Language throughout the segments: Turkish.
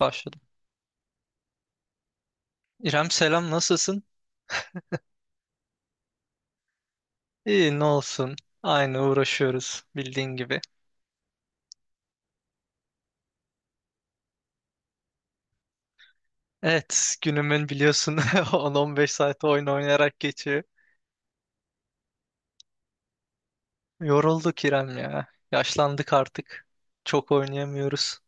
Başladım. İrem selam nasılsın? İyi ne olsun. Aynı uğraşıyoruz bildiğin gibi. Evet günümün biliyorsun 10-15 saat oyun oynayarak geçiyor. Yorulduk İrem ya. Yaşlandık artık. Çok oynayamıyoruz.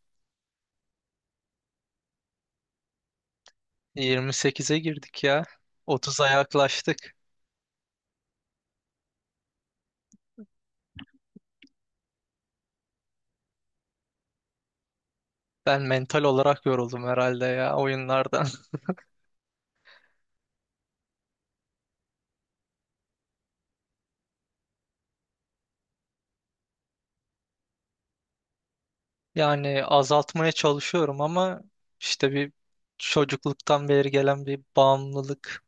28'e girdik ya. 30'a yaklaştık. Ben mental olarak yoruldum herhalde ya oyunlardan. Yani azaltmaya çalışıyorum ama işte bir çocukluktan beri gelen bir bağımlılık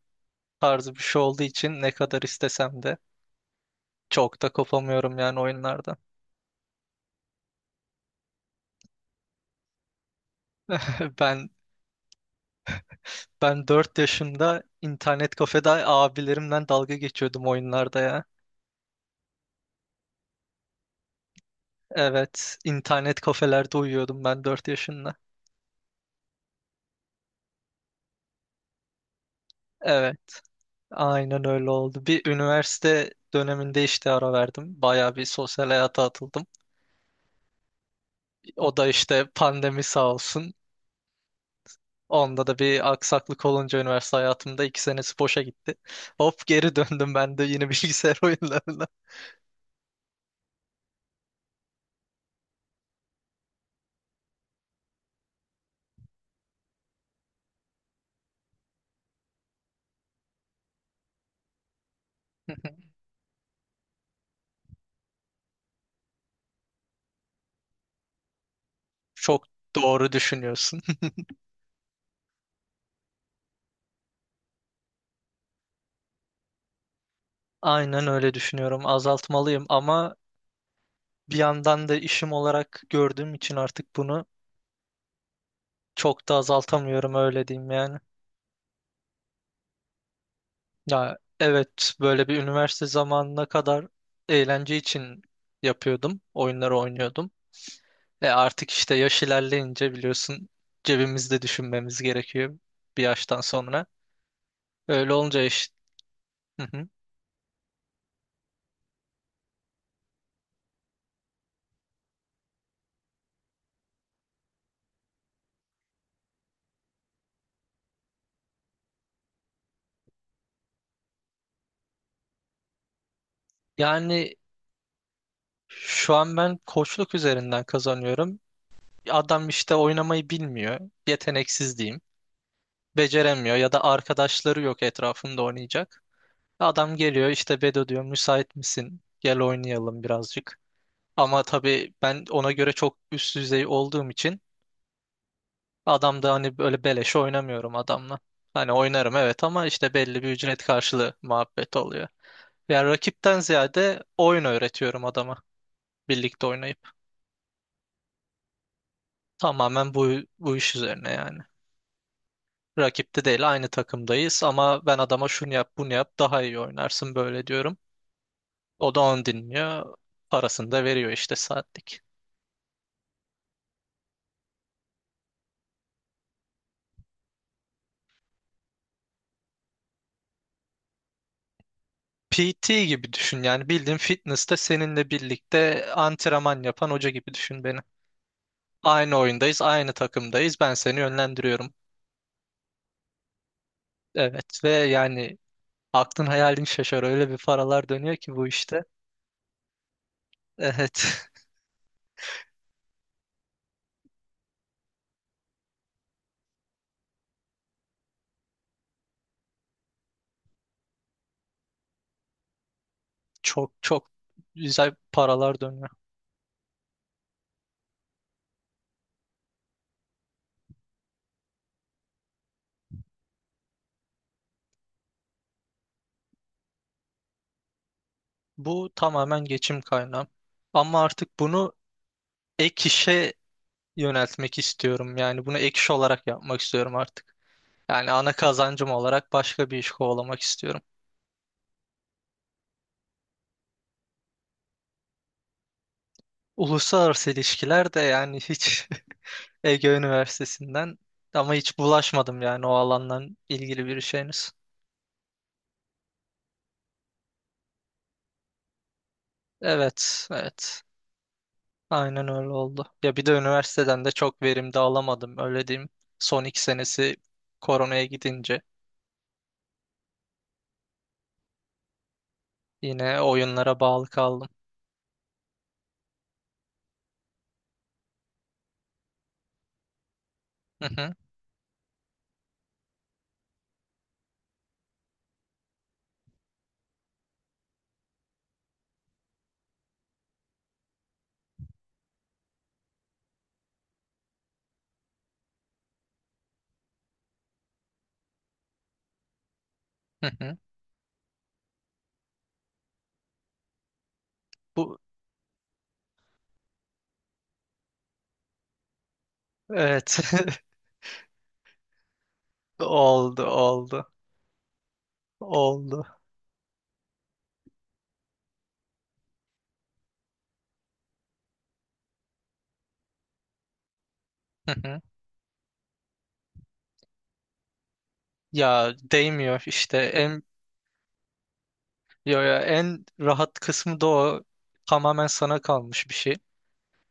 tarzı bir şey olduğu için ne kadar istesem de çok da kopamıyorum yani oyunlarda. Ben ben 4 yaşında internet kafede abilerimden dalga geçiyordum oyunlarda ya. Evet, internet kafelerde uyuyordum ben 4 yaşında. Evet, aynen öyle oldu. Bir üniversite döneminde işte ara verdim. Bayağı bir sosyal hayata atıldım. O da işte pandemi sağ olsun, onda da bir aksaklık olunca üniversite hayatımda 2 senesi boşa gitti. Hop geri döndüm ben de yine bilgisayar oyunlarına. Çok doğru düşünüyorsun. Aynen öyle düşünüyorum. Azaltmalıyım ama bir yandan da işim olarak gördüğüm için artık bunu çok da azaltamıyorum öyle diyeyim yani. Ya evet böyle bir üniversite zamanına kadar eğlence için yapıyordum. Oyunları oynuyordum. E artık işte yaş ilerleyince biliyorsun cebimizde düşünmemiz gerekiyor bir yaştan sonra. Öyle olunca iş... Hı hı. Yani şu an ben koçluk üzerinden kazanıyorum. Adam işte oynamayı bilmiyor. Yeteneksiz diyeyim. Beceremiyor ya da arkadaşları yok etrafında oynayacak. Adam geliyor işte Bedo diyor müsait misin? Gel oynayalım birazcık. Ama tabii ben ona göre çok üst düzey olduğum için adam da hani böyle beleşe oynamıyorum adamla. Hani oynarım evet ama işte belli bir ücret karşılığı muhabbet oluyor. Yani rakipten ziyade oyun öğretiyorum adama birlikte oynayıp. Tamamen bu iş üzerine yani. Rakipte değil aynı takımdayız ama ben adama şunu yap bunu yap daha iyi oynarsın böyle diyorum. O da onu dinliyor. Parasını da veriyor işte saatlik. PT gibi düşün yani bildiğin fitness'te seninle birlikte antrenman yapan hoca gibi düşün beni. Aynı oyundayız, aynı takımdayız. Ben seni yönlendiriyorum. Evet ve yani aklın hayalin şaşar. Öyle bir paralar dönüyor ki bu işte. Evet. Çok çok güzel paralar dönüyor. Bu tamamen geçim kaynağı. Ama artık bunu ek işe yöneltmek istiyorum. Yani bunu ek iş olarak yapmak istiyorum artık. Yani ana kazancım olarak başka bir iş kovalamak istiyorum. Uluslararası ilişkiler de yani hiç Ege Üniversitesi'nden, ama hiç bulaşmadım yani o alandan ilgili bir şeyiniz. Evet, evet. Aynen öyle oldu. Ya bir de üniversiteden de çok verim de alamadım öyle diyeyim. Son 2 senesi koronaya gidince yine oyunlara bağlı kaldım. Hı hı, hı hı. Bu evet oldu oldu oldu. Hı hı. Ya değmiyor işte en... Yo ya en rahat kısmı da o. Tamamen sana kalmış bir şey.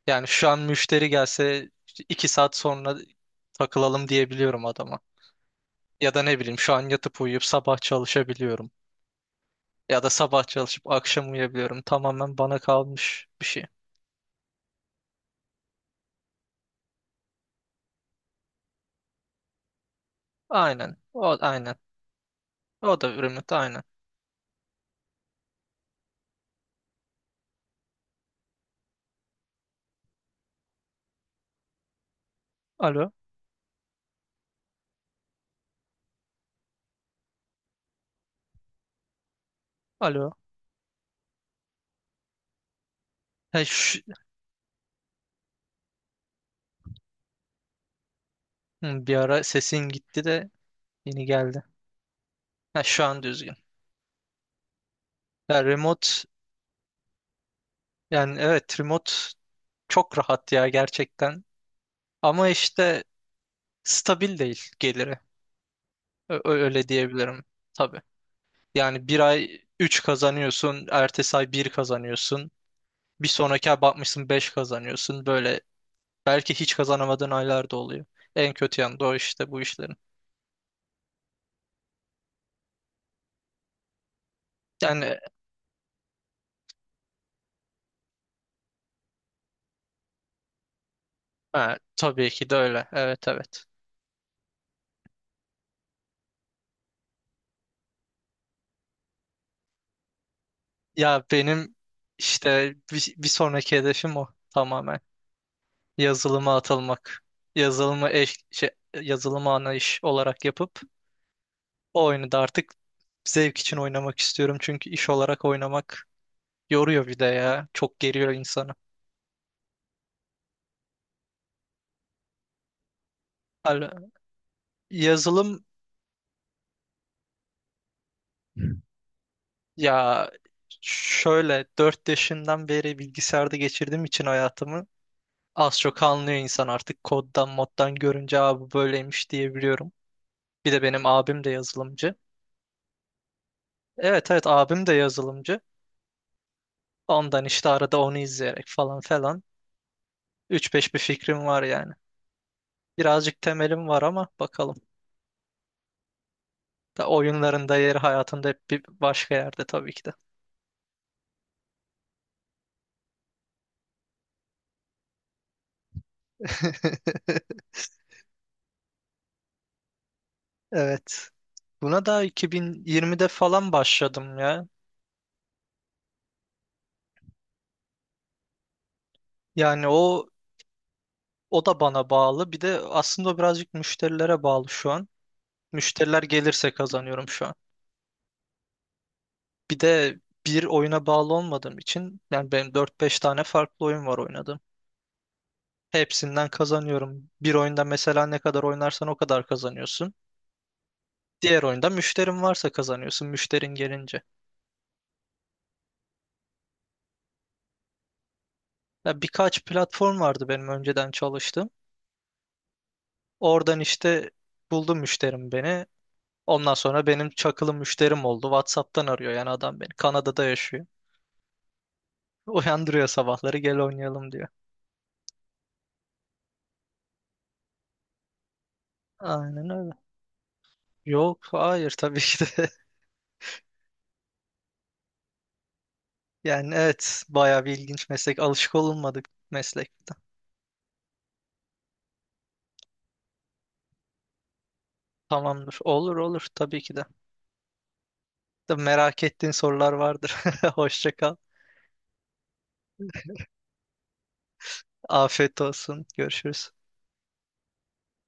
Yani şu an müşteri gelse işte 2 saat sonra takılalım diyebiliyorum adama. Ya da ne bileyim şu an yatıp uyuyup sabah çalışabiliyorum. Ya da sabah çalışıp akşam uyuyabiliyorum. Tamamen bana kalmış bir şey. Aynen. O aynen. O da remote aynen. Alo. Alo. Ha, şu- Hı, bir ara sesin gitti de yeni geldi. Ha, şu an düzgün. Ya remote yani evet remote çok rahat ya gerçekten. Ama işte stabil değil geliri. Öyle diyebilirim tabii. Yani bir ay 3 kazanıyorsun, ertesi ay bir kazanıyorsun. Bir sonraki ay bakmışsın 5 kazanıyorsun. Böyle belki hiç kazanamadığın aylar da oluyor. En kötü yanı da o işte bu işlerin. Yani ha, tabii ki de öyle. Evet evet. Ya benim işte bir sonraki hedefim o tamamen. Yazılıma atılmak. Yazılıma eş, şey, yazılıma ana iş olarak yapıp o oyunu da artık zevk için oynamak istiyorum. Çünkü iş olarak oynamak yoruyor bir de ya. Çok geriyor insanı. Hal- Yazılım ya şöyle 4 yaşından beri bilgisayarda geçirdiğim için hayatımı az çok anlıyor insan artık koddan moddan görünce abi bu böyleymiş diyebiliyorum. Bir de benim abim de yazılımcı. Evet evet abim de yazılımcı. Ondan işte arada onu izleyerek falan falan üç beş bir fikrim var yani. Birazcık temelim var ama bakalım. Da oyunlarında yeri hayatında hep bir başka yerde tabii ki de. Evet. Buna da 2020'de falan başladım ya. Yani o da bana bağlı. Bir de aslında birazcık müşterilere bağlı şu an. Müşteriler gelirse kazanıyorum şu an. Bir de bir oyuna bağlı olmadığım için yani benim dört beş tane farklı oyun var oynadım. Hepsinden kazanıyorum. Bir oyunda mesela ne kadar oynarsan o kadar kazanıyorsun. Diğer oyunda müşterin varsa kazanıyorsun müşterin gelince. Ya birkaç platform vardı benim önceden çalıştığım. Oradan işte buldu müşterim beni. Ondan sonra benim çakılı müşterim oldu. WhatsApp'tan arıyor yani adam beni. Kanada'da yaşıyor. Uyandırıyor sabahları gel oynayalım diyor. Aynen öyle. Yok hayır tabii ki de. Yani evet bayağı bir ilginç meslek. Alışık olunmadık meslekte. Tamamdır. Olur olur tabii ki de. Da merak ettiğin sorular vardır. Hoşça kal. Afiyet olsun. Görüşürüz.